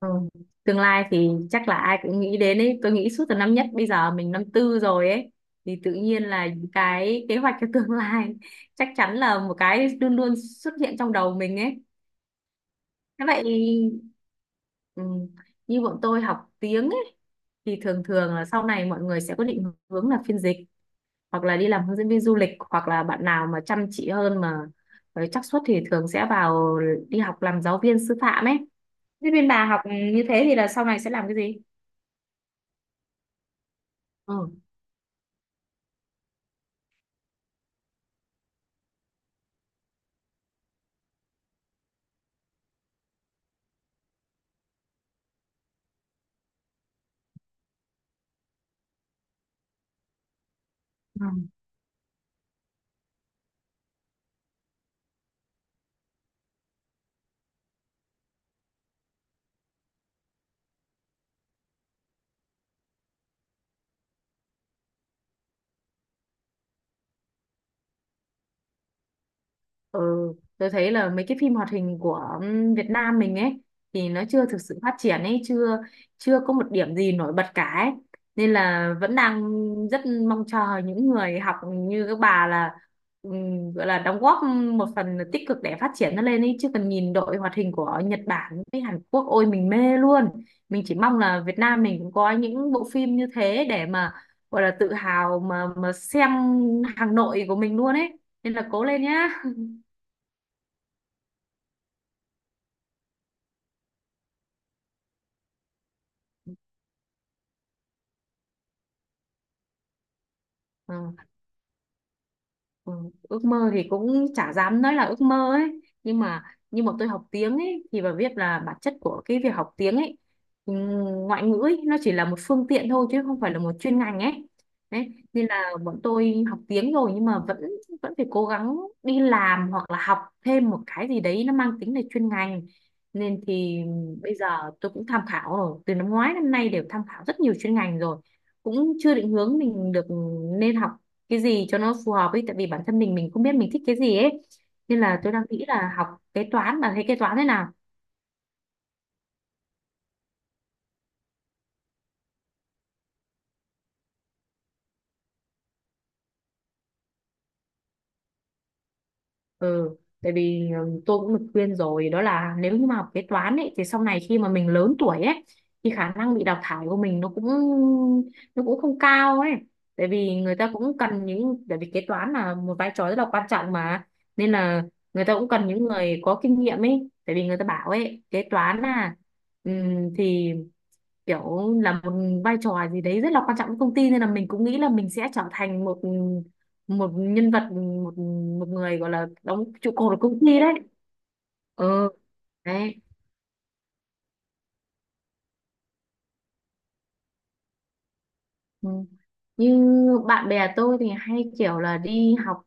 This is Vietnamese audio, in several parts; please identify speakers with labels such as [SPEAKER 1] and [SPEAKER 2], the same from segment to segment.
[SPEAKER 1] Ừ. Tương lai thì chắc là ai cũng nghĩ đến ấy. Tôi nghĩ suốt từ năm nhất, bây giờ mình năm tư rồi ấy thì tự nhiên là những cái kế hoạch cho tương lai chắc chắn là một cái luôn luôn xuất hiện trong đầu mình ấy. Thế vậy, ừ, như bọn tôi học tiếng ấy thì thường thường là sau này mọi người sẽ có định hướng là phiên dịch hoặc là đi làm hướng dẫn viên du lịch hoặc là bạn nào mà chăm chỉ hơn mà với xác suất thì thường sẽ vào đi học làm giáo viên sư phạm ấy. Thế bên bà học như thế thì là sau này sẽ làm cái gì? Ừ. Ừ, tôi thấy là mấy cái phim hoạt hình của Việt Nam mình ấy thì nó chưa thực sự phát triển ấy, chưa chưa có một điểm gì nổi bật cả ấy. Nên là vẫn đang rất mong chờ những người học như các bà là, gọi là đóng góp một phần tích cực để phát triển nó lên ấy, chứ cần nhìn đội hoạt hình của Nhật Bản với Hàn Quốc, ôi mình mê luôn. Mình chỉ mong là Việt Nam mình cũng có những bộ phim như thế để mà gọi là tự hào mà xem hàng nội của mình luôn ấy. Nên là cố lên nhá. Ờ, ừ, ước mơ thì cũng chả dám nói là ước mơ ấy, nhưng mà tôi học tiếng ấy thì bà biết là bản chất của cái việc học tiếng ấy, ừ, ngoại ngữ ấy, nó chỉ là một phương tiện thôi chứ không phải là một chuyên ngành ấy. Đấy nên là bọn tôi học tiếng rồi nhưng mà vẫn vẫn phải cố gắng đi làm hoặc là học thêm một cái gì đấy nó mang tính là chuyên ngành. Nên thì bây giờ tôi cũng tham khảo rồi, từ năm ngoái đến nay đều tham khảo rất nhiều chuyên ngành rồi cũng chưa định hướng mình được nên học cái gì cho nó phù hợp ấy, tại vì bản thân mình không biết mình thích cái gì ấy. Nên là tôi đang nghĩ là học kế toán, bà thấy kế toán thế nào? Ừ, tại vì tôi cũng được khuyên rồi đó là nếu như mà học kế toán ấy thì sau này khi mà mình lớn tuổi ấy thì khả năng bị đào thải của mình nó cũng không cao ấy. Tại vì người ta cũng cần những, tại vì kế toán là một vai trò rất là quan trọng mà, nên là người ta cũng cần những người có kinh nghiệm ấy. Tại vì người ta bảo ấy, kế toán là thì kiểu là một vai trò gì đấy rất là quan trọng với công ty, nên là mình cũng nghĩ là mình sẽ trở thành một một nhân vật, một một người gọi là đóng trụ cột của công ty đấy. Ừ. Đấy. Ừ. Như bạn bè tôi thì hay kiểu là đi học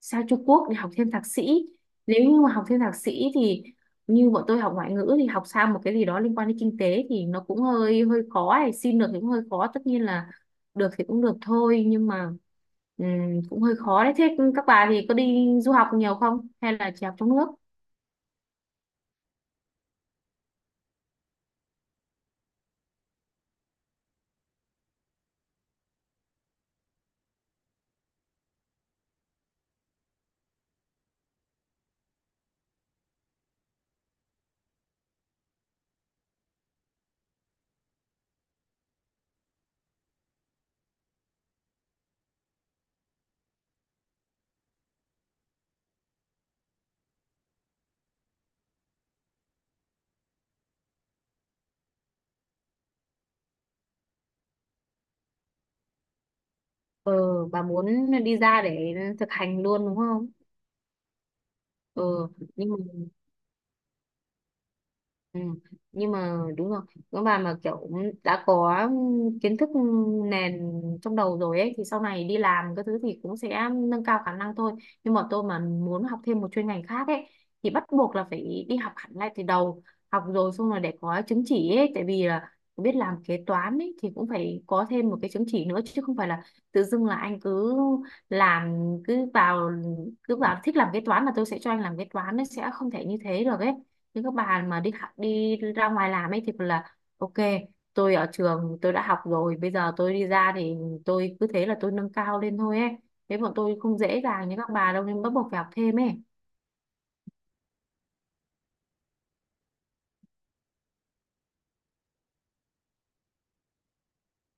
[SPEAKER 1] sang Trung Quốc để học thêm thạc sĩ. Nếu như mà học thêm thạc sĩ thì như bọn tôi học ngoại ngữ thì học sang một cái gì đó liên quan đến kinh tế thì nó cũng hơi hơi khó ấy. Xin được thì cũng hơi khó, tất nhiên là được thì cũng được thôi, nhưng mà ừm, cũng hơi khó đấy. Thế các bà thì có đi du học nhiều không hay là chỉ học trong nước? Ờ bà muốn đi ra để thực hành luôn đúng không? Ờ nhưng mà Ừ. Nhưng mà đúng rồi, các bà mà kiểu đã có kiến thức nền trong đầu rồi ấy thì sau này đi làm cái thứ thì cũng sẽ nâng cao khả năng thôi. Nhưng mà tôi mà muốn học thêm một chuyên ngành khác ấy thì bắt buộc là phải đi học hẳn lại từ đầu, học rồi xong rồi để có chứng chỉ ấy, tại vì là biết làm kế toán ấy thì cũng phải có thêm một cái chứng chỉ nữa, chứ không phải là tự dưng là anh cứ làm cứ vào cứ vào thích làm kế toán là tôi sẽ cho anh làm kế toán, nó sẽ không thể như thế được ấy. Những các bà mà đi học đi ra ngoài làm ấy thì là ok, tôi ở trường tôi đã học rồi bây giờ tôi đi ra thì tôi cứ thế là tôi nâng cao lên thôi ấy. Thế bọn tôi không dễ dàng như các bà đâu nên bắt buộc phải học thêm ấy.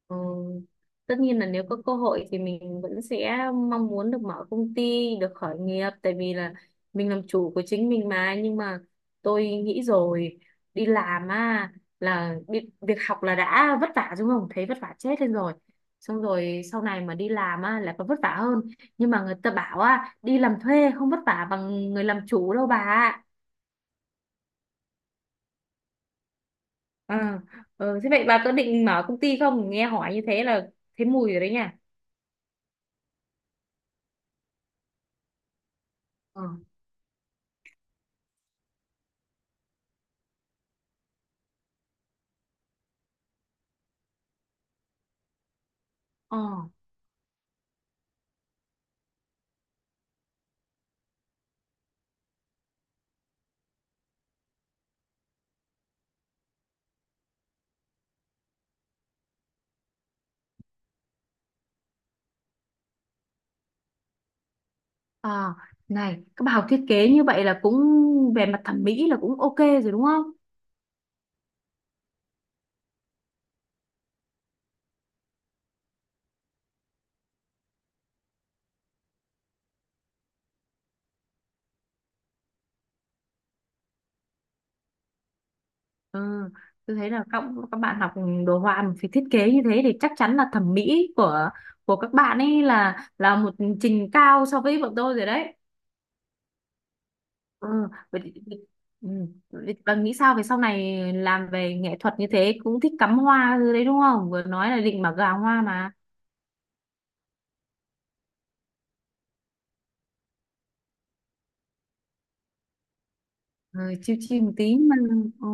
[SPEAKER 1] Ờ, tất nhiên là nếu có cơ hội thì mình vẫn sẽ mong muốn được mở công ty, được khởi nghiệp, tại vì là mình làm chủ của chính mình mà. Nhưng mà tôi nghĩ rồi, đi làm á, là việc học là đã vất vả đúng không? Thấy vất vả chết lên rồi. Xong rồi sau này mà đi làm á lại còn vất vả hơn. Nhưng mà người ta bảo á, đi làm thuê không vất vả bằng người làm chủ đâu bà ạ. À, thế vậy bà có định mở công ty không? Nghe hỏi như thế là thấy mùi rồi đấy nha. Ờ. Ờ. À, này, các bà học thiết kế như vậy là cũng về mặt thẩm mỹ là cũng ok rồi đúng không? Ừ, tôi thấy là các bạn học đồ họa mà phải thiết kế như thế thì chắc chắn là thẩm mỹ của các bạn ấy là một trình cao so với bọn tôi rồi đấy. Ừ, vậy, thì- ừ, vậy bà nghĩ sao về sau này làm về nghệ thuật như thế, cũng thích cắm hoa rồi đấy đúng không? Vừa nói là định bảo gà hoa mà. Ừ, chiêu chiêu một tí mà. Ừ,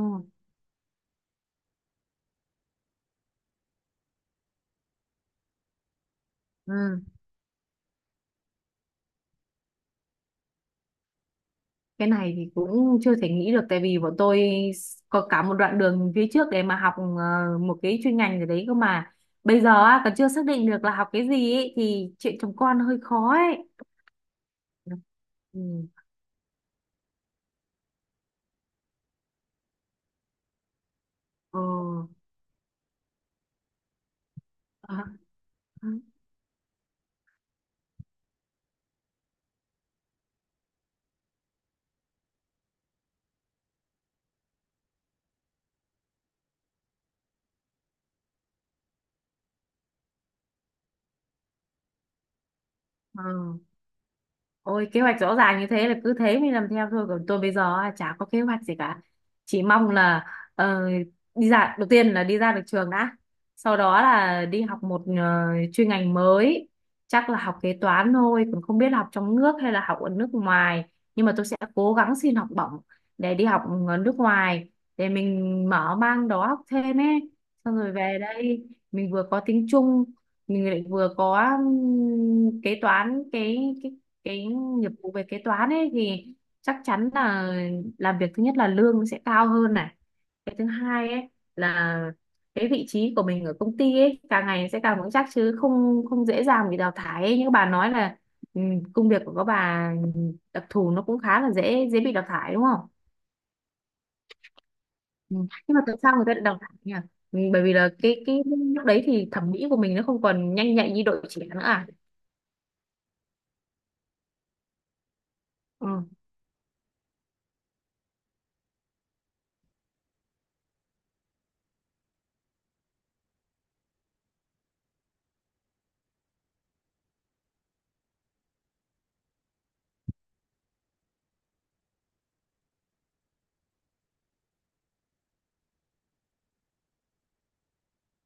[SPEAKER 1] ừ. Cái này thì cũng chưa thể nghĩ được tại vì bọn tôi có cả một đoạn đường phía trước để mà học một cái chuyên ngành gì đấy cơ mà, bây giờ á, còn chưa xác định được là học cái gì ấy, thì chuyện chồng con hơi khó ấy. Ừ. Ờ, ờ, ờ. Ôi kế hoạch rõ ràng như thế là cứ thế mình làm theo thôi, còn tôi bây giờ á, chả có kế hoạch gì cả, chỉ mong là ờ, đi ra, đầu tiên là đi ra được trường đã, sau đó là đi học một chuyên ngành mới, chắc là học kế toán thôi, cũng không biết là học trong nước hay là học ở nước ngoài. Nhưng mà tôi sẽ cố gắng xin học bổng để đi học ở nước ngoài để mình mở mang đó, học thêm ấy. Xong rồi về đây mình vừa có tiếng Trung, mình lại vừa có kế toán, cái nghiệp vụ về kế toán ấy, thì chắc chắn là làm việc, thứ nhất là lương sẽ cao hơn này, cái thứ hai ấy là cái vị trí của mình ở công ty ấy càng ngày sẽ càng vững chắc, chứ không không dễ dàng bị đào thải ấy. Như các bà nói là, ừ, công việc của các bà đặc thù nó cũng khá là dễ dễ bị đào thải đúng không? Ừ. Nhưng mà tại sao người ta lại đào thải nhỉ? Ừ, bởi vì là cái lúc đấy thì thẩm mỹ của mình nó không còn nhanh nhạy như đội trẻ nữa à? Ừ.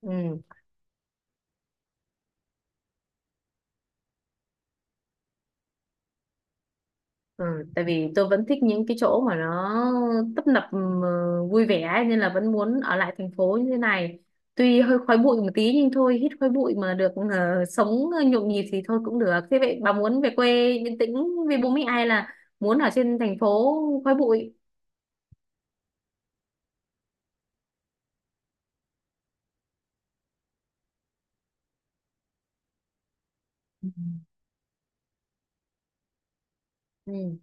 [SPEAKER 1] Ừ. Ừ, tại vì tôi vẫn thích những cái chỗ mà nó tấp nập, vui vẻ ấy, nên là vẫn muốn ở lại thành phố như thế này. Tuy hơi khói bụi một tí nhưng thôi, hít khói bụi mà được sống nhộn nhịp thì thôi cũng được. Thế vậy bà muốn về quê yên tĩnh với bố mẹ hay là muốn ở trên thành phố khói bụi? Ừ. Ừ.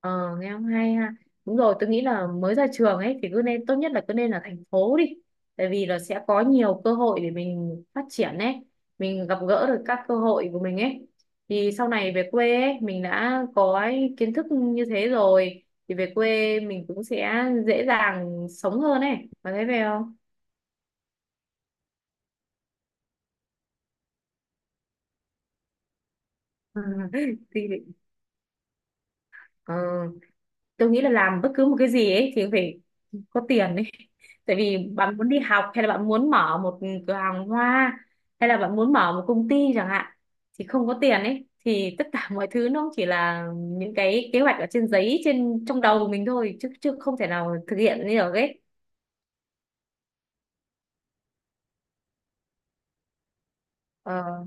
[SPEAKER 1] Ờ, nghe không hay ha. Đúng rồi, tôi nghĩ là mới ra trường ấy thì cứ nên tốt nhất là cứ nên là thành phố đi. Tại vì là sẽ có nhiều cơ hội để mình phát triển ấy, mình gặp gỡ được các cơ hội của mình ấy. Thì sau này về quê ấy, mình đã có ấy, kiến thức như thế rồi thì về quê mình cũng sẽ dễ dàng sống hơn ấy. Bạn thấy về không? Ờ. Tôi nghĩ là làm bất cứ một cái gì ấy thì phải có tiền ấy, tại vì bạn muốn đi học hay là bạn muốn mở một cửa hàng hoa hay là bạn muốn mở một công ty chẳng hạn thì không có tiền ấy thì tất cả mọi thứ nó chỉ là những cái kế hoạch ở trên giấy, trên trong đầu của mình thôi, chứ chứ không thể nào thực hiện như được ấy. ờ,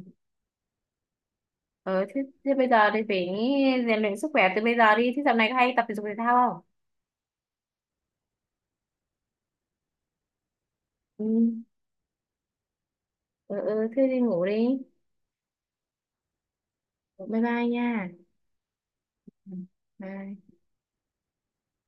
[SPEAKER 1] ờ thế, thế bây giờ thì phải rèn luyện sức khỏe từ bây giờ đi. Thế dạo này có hay tập thể dục thể thao không? Ừ, ừ, ừ. Thế đi ngủ đi. Bye bye nha. Ừ. Bye.